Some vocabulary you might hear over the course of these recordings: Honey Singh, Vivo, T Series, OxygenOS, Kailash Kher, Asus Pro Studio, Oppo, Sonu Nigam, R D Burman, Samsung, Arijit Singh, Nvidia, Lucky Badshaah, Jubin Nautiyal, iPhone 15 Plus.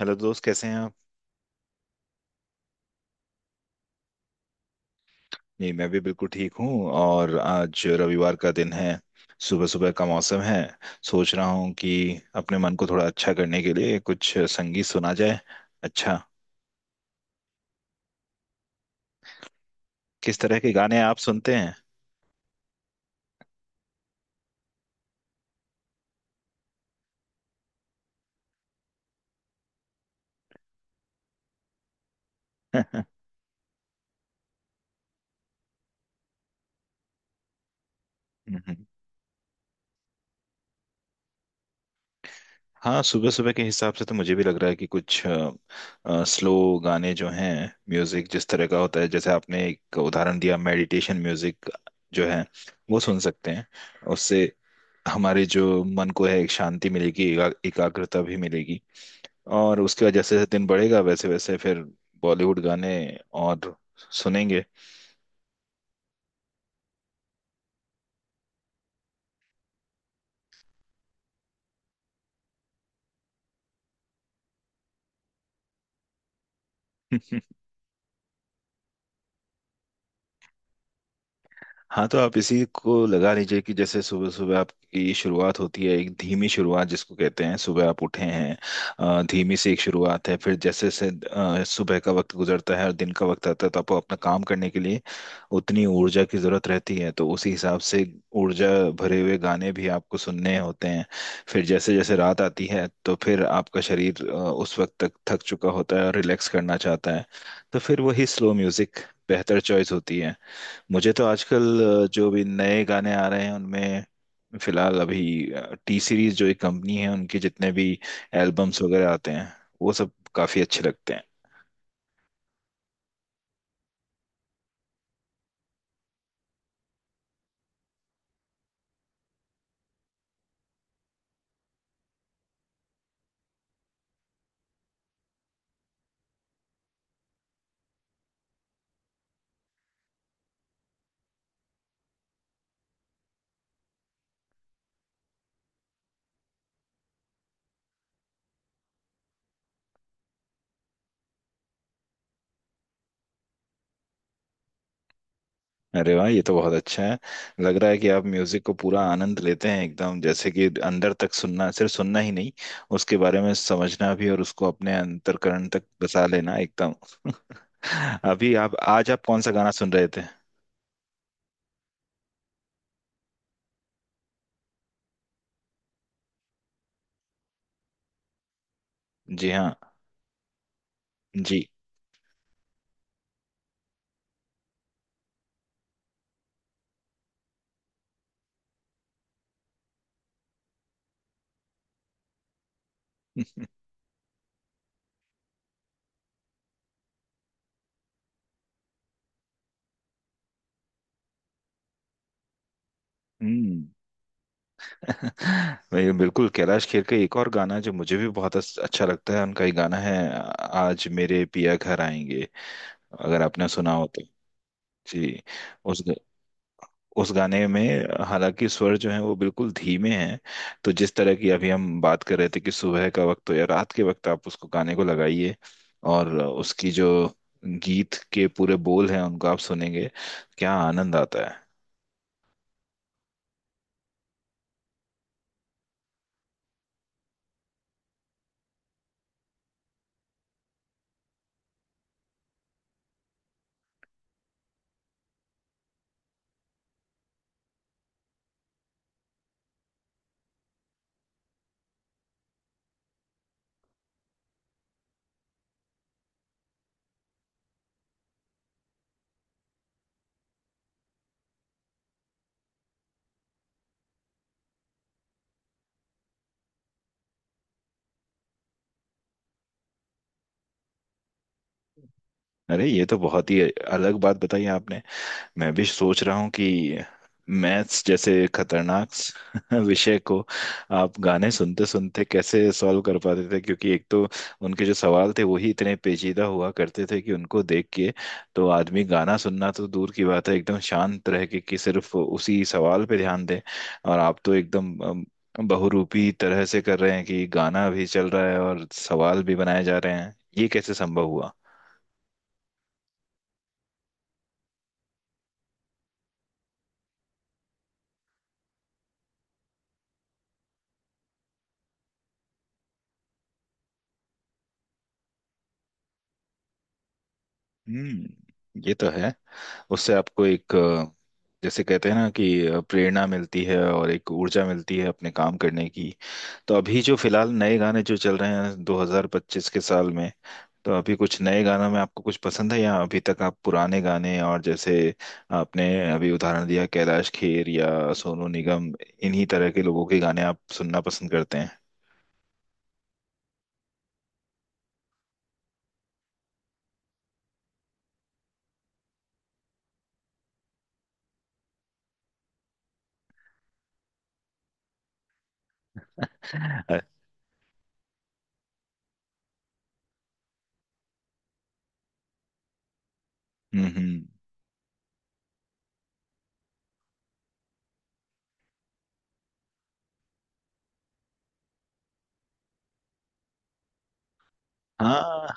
Hello दोस्त, कैसे हैं आप? जी, मैं भी बिल्कुल ठीक हूँ और आज रविवार का दिन है। सुबह सुबह का मौसम है। सोच रहा हूँ कि अपने मन को थोड़ा अच्छा करने के लिए कुछ संगीत सुना जाए। अच्छा, किस तरह के गाने आप सुनते हैं? हम्म। हाँ, सुबह सुबह के हिसाब से तो मुझे भी लग रहा है कि कुछ स्लो गाने जो हैं, म्यूजिक जिस तरह का होता है, जैसे आपने एक उदाहरण दिया मेडिटेशन म्यूजिक, जो है वो सुन सकते हैं। उससे हमारे जो मन को है एक शांति मिलेगी, एकाग्रता भी मिलेगी। और उसके बाद जैसे जैसे दिन बढ़ेगा वैसे वैसे फिर बॉलीवुड गाने और सुनेंगे। हाँ, तो आप इसी को लगा लीजिए कि जैसे सुबह सुबह आपकी शुरुआत होती है, एक धीमी शुरुआत जिसको कहते हैं सुबह आप उठे हैं। धीमी से एक शुरुआत है, फिर जैसे जैसे सुबह का वक्त गुजरता है और दिन का वक्त आता है तो आपको अपना काम करने के लिए उतनी ऊर्जा की जरूरत रहती है, तो उसी हिसाब से ऊर्जा भरे हुए गाने भी आपको सुनने होते हैं। फिर जैसे जैसे रात आती है तो फिर आपका शरीर उस वक्त तक थक चुका होता है और रिलैक्स करना चाहता है। तो फिर वही स्लो म्यूजिक बेहतर चॉइस होती है। मुझे तो आजकल जो भी नए गाने आ रहे हैं उनमें, फिलहाल अभी टी सीरीज जो एक कंपनी है उनके जितने भी एल्बम्स वगैरह आते हैं वो सब काफी अच्छे लगते हैं। अरे वाह, ये तो बहुत अच्छा है। लग रहा है कि आप म्यूजिक को पूरा आनंद लेते हैं एकदम, जैसे कि अंदर तक, सुनना सिर्फ सुनना ही नहीं, उसके बारे में समझना भी और उसको अपने अंतर्करण तक बसा लेना एकदम। अभी आप, आज आप कौन सा गाना सुन रहे थे? जी हाँ। जी। हम्म। मैं बिल्कुल, कैलाश खेर का एक और गाना जो मुझे भी बहुत अच्छा लगता है, उनका एक गाना है आज मेरे पिया घर आएंगे, अगर आपने सुना हो तो। जी। उस उस गाने में, हालांकि स्वर जो है वो बिल्कुल धीमे हैं। तो जिस तरह की अभी हम बात कर रहे थे कि सुबह का वक्त हो या रात के वक्त, आप उसको, गाने को लगाइए और उसकी जो गीत के पूरे बोल हैं उनको आप सुनेंगे, क्या आनंद आता है। अरे, ये तो बहुत ही अलग बात बताई आपने। मैं भी सोच रहा हूँ कि मैथ्स जैसे खतरनाक विषय को आप गाने सुनते सुनते कैसे सॉल्व कर पाते थे, क्योंकि एक तो उनके जो सवाल थे वही इतने पेचीदा हुआ करते थे कि उनको देख के तो आदमी, गाना सुनना तो दूर की बात है, एकदम शांत रह के कि सिर्फ उसी सवाल पे ध्यान दे। और आप तो एकदम बहुरूपी तरह से कर रहे हैं कि गाना भी चल रहा है और सवाल भी बनाए जा रहे हैं, ये कैसे संभव हुआ? हम्म, ये तो है। उससे आपको एक, जैसे कहते हैं ना कि प्रेरणा मिलती है और एक ऊर्जा मिलती है अपने काम करने की। तो अभी जो फिलहाल नए गाने जो चल रहे हैं 2025 के साल में, तो अभी कुछ नए गानों में आपको कुछ पसंद है, या अभी तक आप पुराने गाने, और जैसे आपने अभी उदाहरण दिया कैलाश खेर या सोनू निगम, इन्हीं तरह के लोगों के गाने आप सुनना पसंद करते हैं? अ, हम्म, हम्म। हाँ,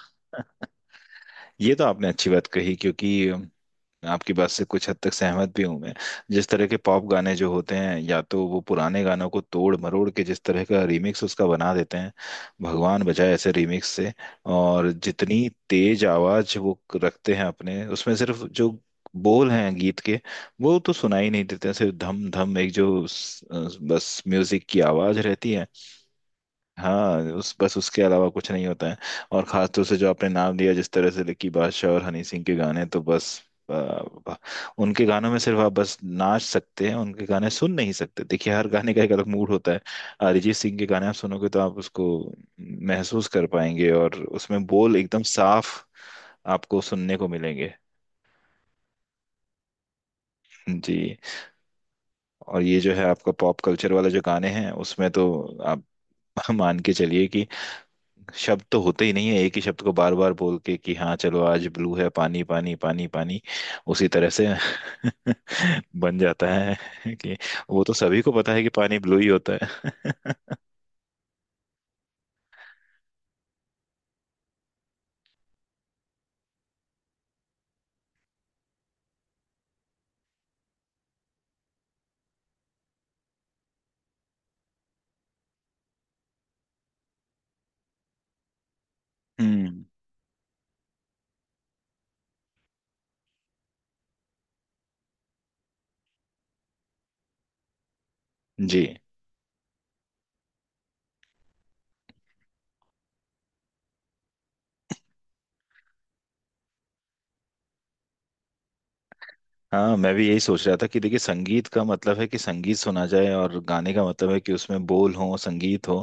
ये तो आपने अच्छी बात कही, क्योंकि आपकी बात से कुछ हद तक सहमत भी हूं मैं। जिस तरह के पॉप गाने जो होते हैं, या तो वो पुराने गानों को तोड़ मरोड़ के जिस तरह का रीमिक्स उसका बना देते हैं, भगवान बचाए ऐसे रीमिक्स से। और जितनी तेज आवाज वो रखते हैं अपने उसमें, सिर्फ जो बोल हैं गीत के वो तो सुनाई नहीं देते हैं, सिर्फ धम धम, एक जो बस म्यूजिक की आवाज रहती है। हाँ, उस, बस उसके अलावा कुछ नहीं होता है। और खासतौर से जो आपने नाम लिया, जिस तरह से लकी बादशाह और हनी सिंह के गाने, तो बस आ, आ, उनके गानों में सिर्फ आप बस नाच सकते हैं, उनके गाने सुन नहीं सकते। देखिए हर गाने का एक अलग मूड होता है। अरिजीत सिंह के गाने आप सुनोगे तो आप उसको महसूस कर पाएंगे और उसमें बोल एकदम साफ आपको सुनने को मिलेंगे। जी। और ये जो है आपका पॉप कल्चर वाले जो गाने हैं उसमें तो आप मान के चलिए कि शब्द तो होते ही नहीं है, एक ही शब्द को बार बार बोल के कि हाँ चलो, आज ब्लू है, पानी पानी पानी पानी, उसी तरह से बन जाता है कि, वो तो सभी को पता है कि पानी ब्लू ही होता है। हम्म, जी हाँ, मैं भी यही सोच रहा था कि देखिए, संगीत का मतलब है कि संगीत सुना जाए, और गाने का मतलब है कि उसमें बोल हो, संगीत हो,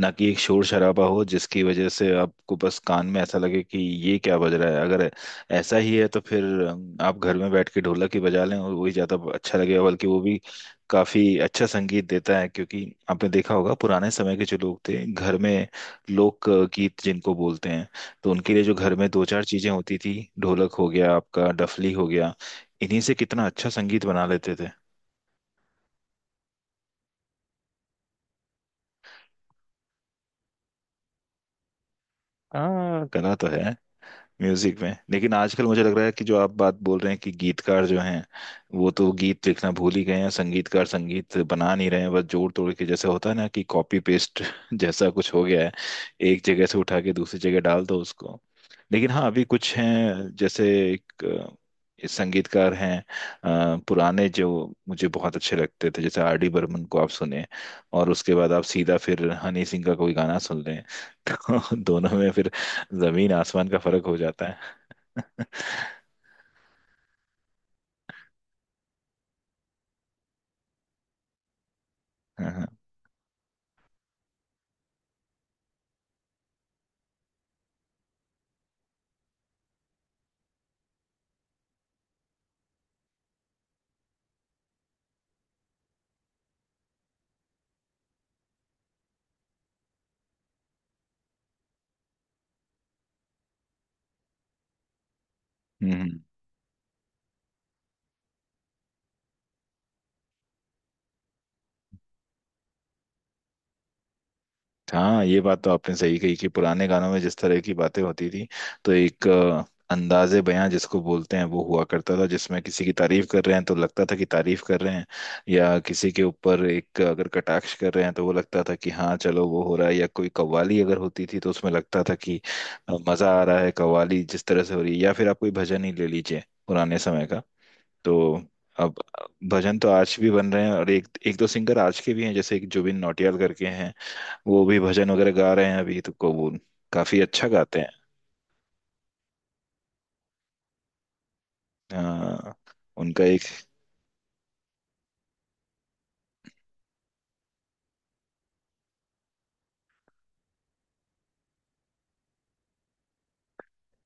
ना कि एक शोर शराबा हो जिसकी वजह से आपको बस कान में ऐसा लगे कि ये क्या बज रहा है। अगर ऐसा ही है तो फिर आप घर में बैठ के ढोलक ही बजा लें और वही ज़्यादा अच्छा लगेगा, बल्कि वो भी काफ़ी अच्छा संगीत देता है, क्योंकि आपने देखा होगा पुराने समय के जो लोग थे घर में, लोक गीत जिनको बोलते हैं, तो उनके लिए जो घर में दो चार चीज़ें होती थी, ढोलक हो गया आपका, डफली हो गया, इन्हीं से कितना अच्छा संगीत बना लेते थे। हाँ, कला तो है म्यूजिक में, लेकिन आजकल मुझे लग रहा है कि जो आप बात बोल रहे हैं, कि गीतकार जो हैं वो तो गीत लिखना भूल ही गए हैं, संगीतकार संगीत बना नहीं रहे हैं, बस जोड़ तोड़ के, जैसे होता है ना कि कॉपी पेस्ट जैसा कुछ हो गया है। एक जगह से उठा के दूसरी जगह डाल दो उसको। लेकिन हाँ, अभी कुछ हैं, जैसे एक संगीतकार हैं, पुराने जो मुझे बहुत अच्छे लगते थे, जैसे आर डी बर्मन को आप सुने और उसके बाद आप सीधा फिर हनी सिंह का कोई गाना सुन लें, तो दोनों में फिर जमीन आसमान का फर्क हो जाता है। हाँ, हम्म, हाँ, ये बात तो आपने सही कही कि पुराने गानों में जिस तरह की बातें होती थी, तो एक अंदाजे बयां जिसको बोलते हैं वो हुआ करता था, जिसमें किसी की तारीफ कर रहे हैं तो लगता था कि तारीफ कर रहे हैं, या किसी के ऊपर एक अगर कटाक्ष कर रहे हैं तो वो लगता था कि हाँ चलो वो हो रहा है, या कोई कव्वाली अगर होती थी तो उसमें लगता था कि मजा आ रहा है, कव्वाली जिस तरह से हो रही है, या फिर आप कोई भजन ही ले लीजिए पुराने समय का। तो अब भजन तो आज भी बन रहे हैं और एक एक दो सिंगर आज के भी हैं, जैसे एक जुबिन नौटियाल करके हैं, वो भी भजन वगैरह गा रहे हैं अभी, तो को वो काफी अच्छा गाते हैं। हाँ, उनका एक,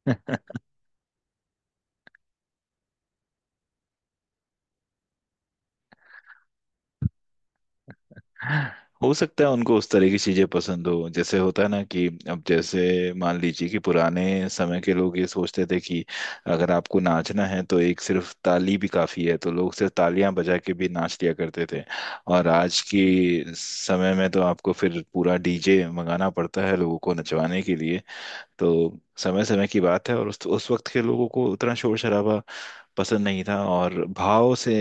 हो सकता है उनको उस तरह की चीजें पसंद हो, जैसे होता है ना कि, अब जैसे मान लीजिए कि पुराने समय के लोग ये सोचते थे कि अगर आपको नाचना है तो एक सिर्फ ताली भी काफी है, तो लोग सिर्फ तालियां बजा के भी नाच लिया करते थे। और आज के समय में तो आपको फिर पूरा डीजे मंगाना पड़ता है लोगों को नचवाने के लिए। तो समय समय की बात है, और उस वक्त के लोगों को उतना शोर शराबा पसंद नहीं था, और भाव से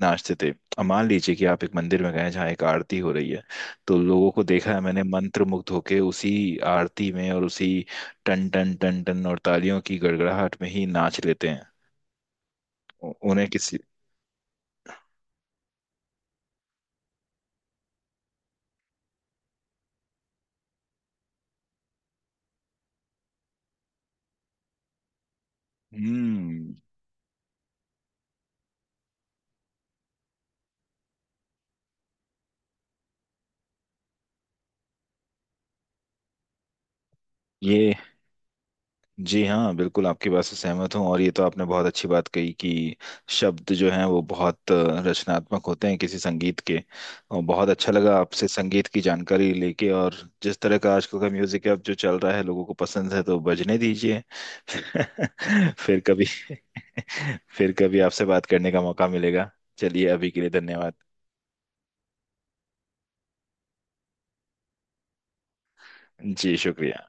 नाचते थे। अब मान लीजिए कि आप एक मंदिर में गए हैं जहाँ एक आरती हो रही है, तो लोगों को देखा है मैंने मंत्र मुग्ध होके उसी आरती में, और उसी टन टन टन टन और तालियों की गड़गड़ाहट में ही नाच लेते हैं। उन्हें किसी, हम्म, ये, जी हाँ, बिल्कुल आपकी बात से सहमत हूँ। और ये तो आपने बहुत अच्छी बात कही कि शब्द जो हैं वो बहुत रचनात्मक होते हैं किसी संगीत के। और बहुत अच्छा लगा आपसे संगीत की जानकारी लेके, और जिस तरह का आजकल का म्यूजिक अब जो चल रहा है लोगों को पसंद है तो बजने दीजिए। फिर कभी, फिर कभी आपसे बात करने का मौका मिलेगा। चलिए, अभी के लिए धन्यवाद। जी, शुक्रिया।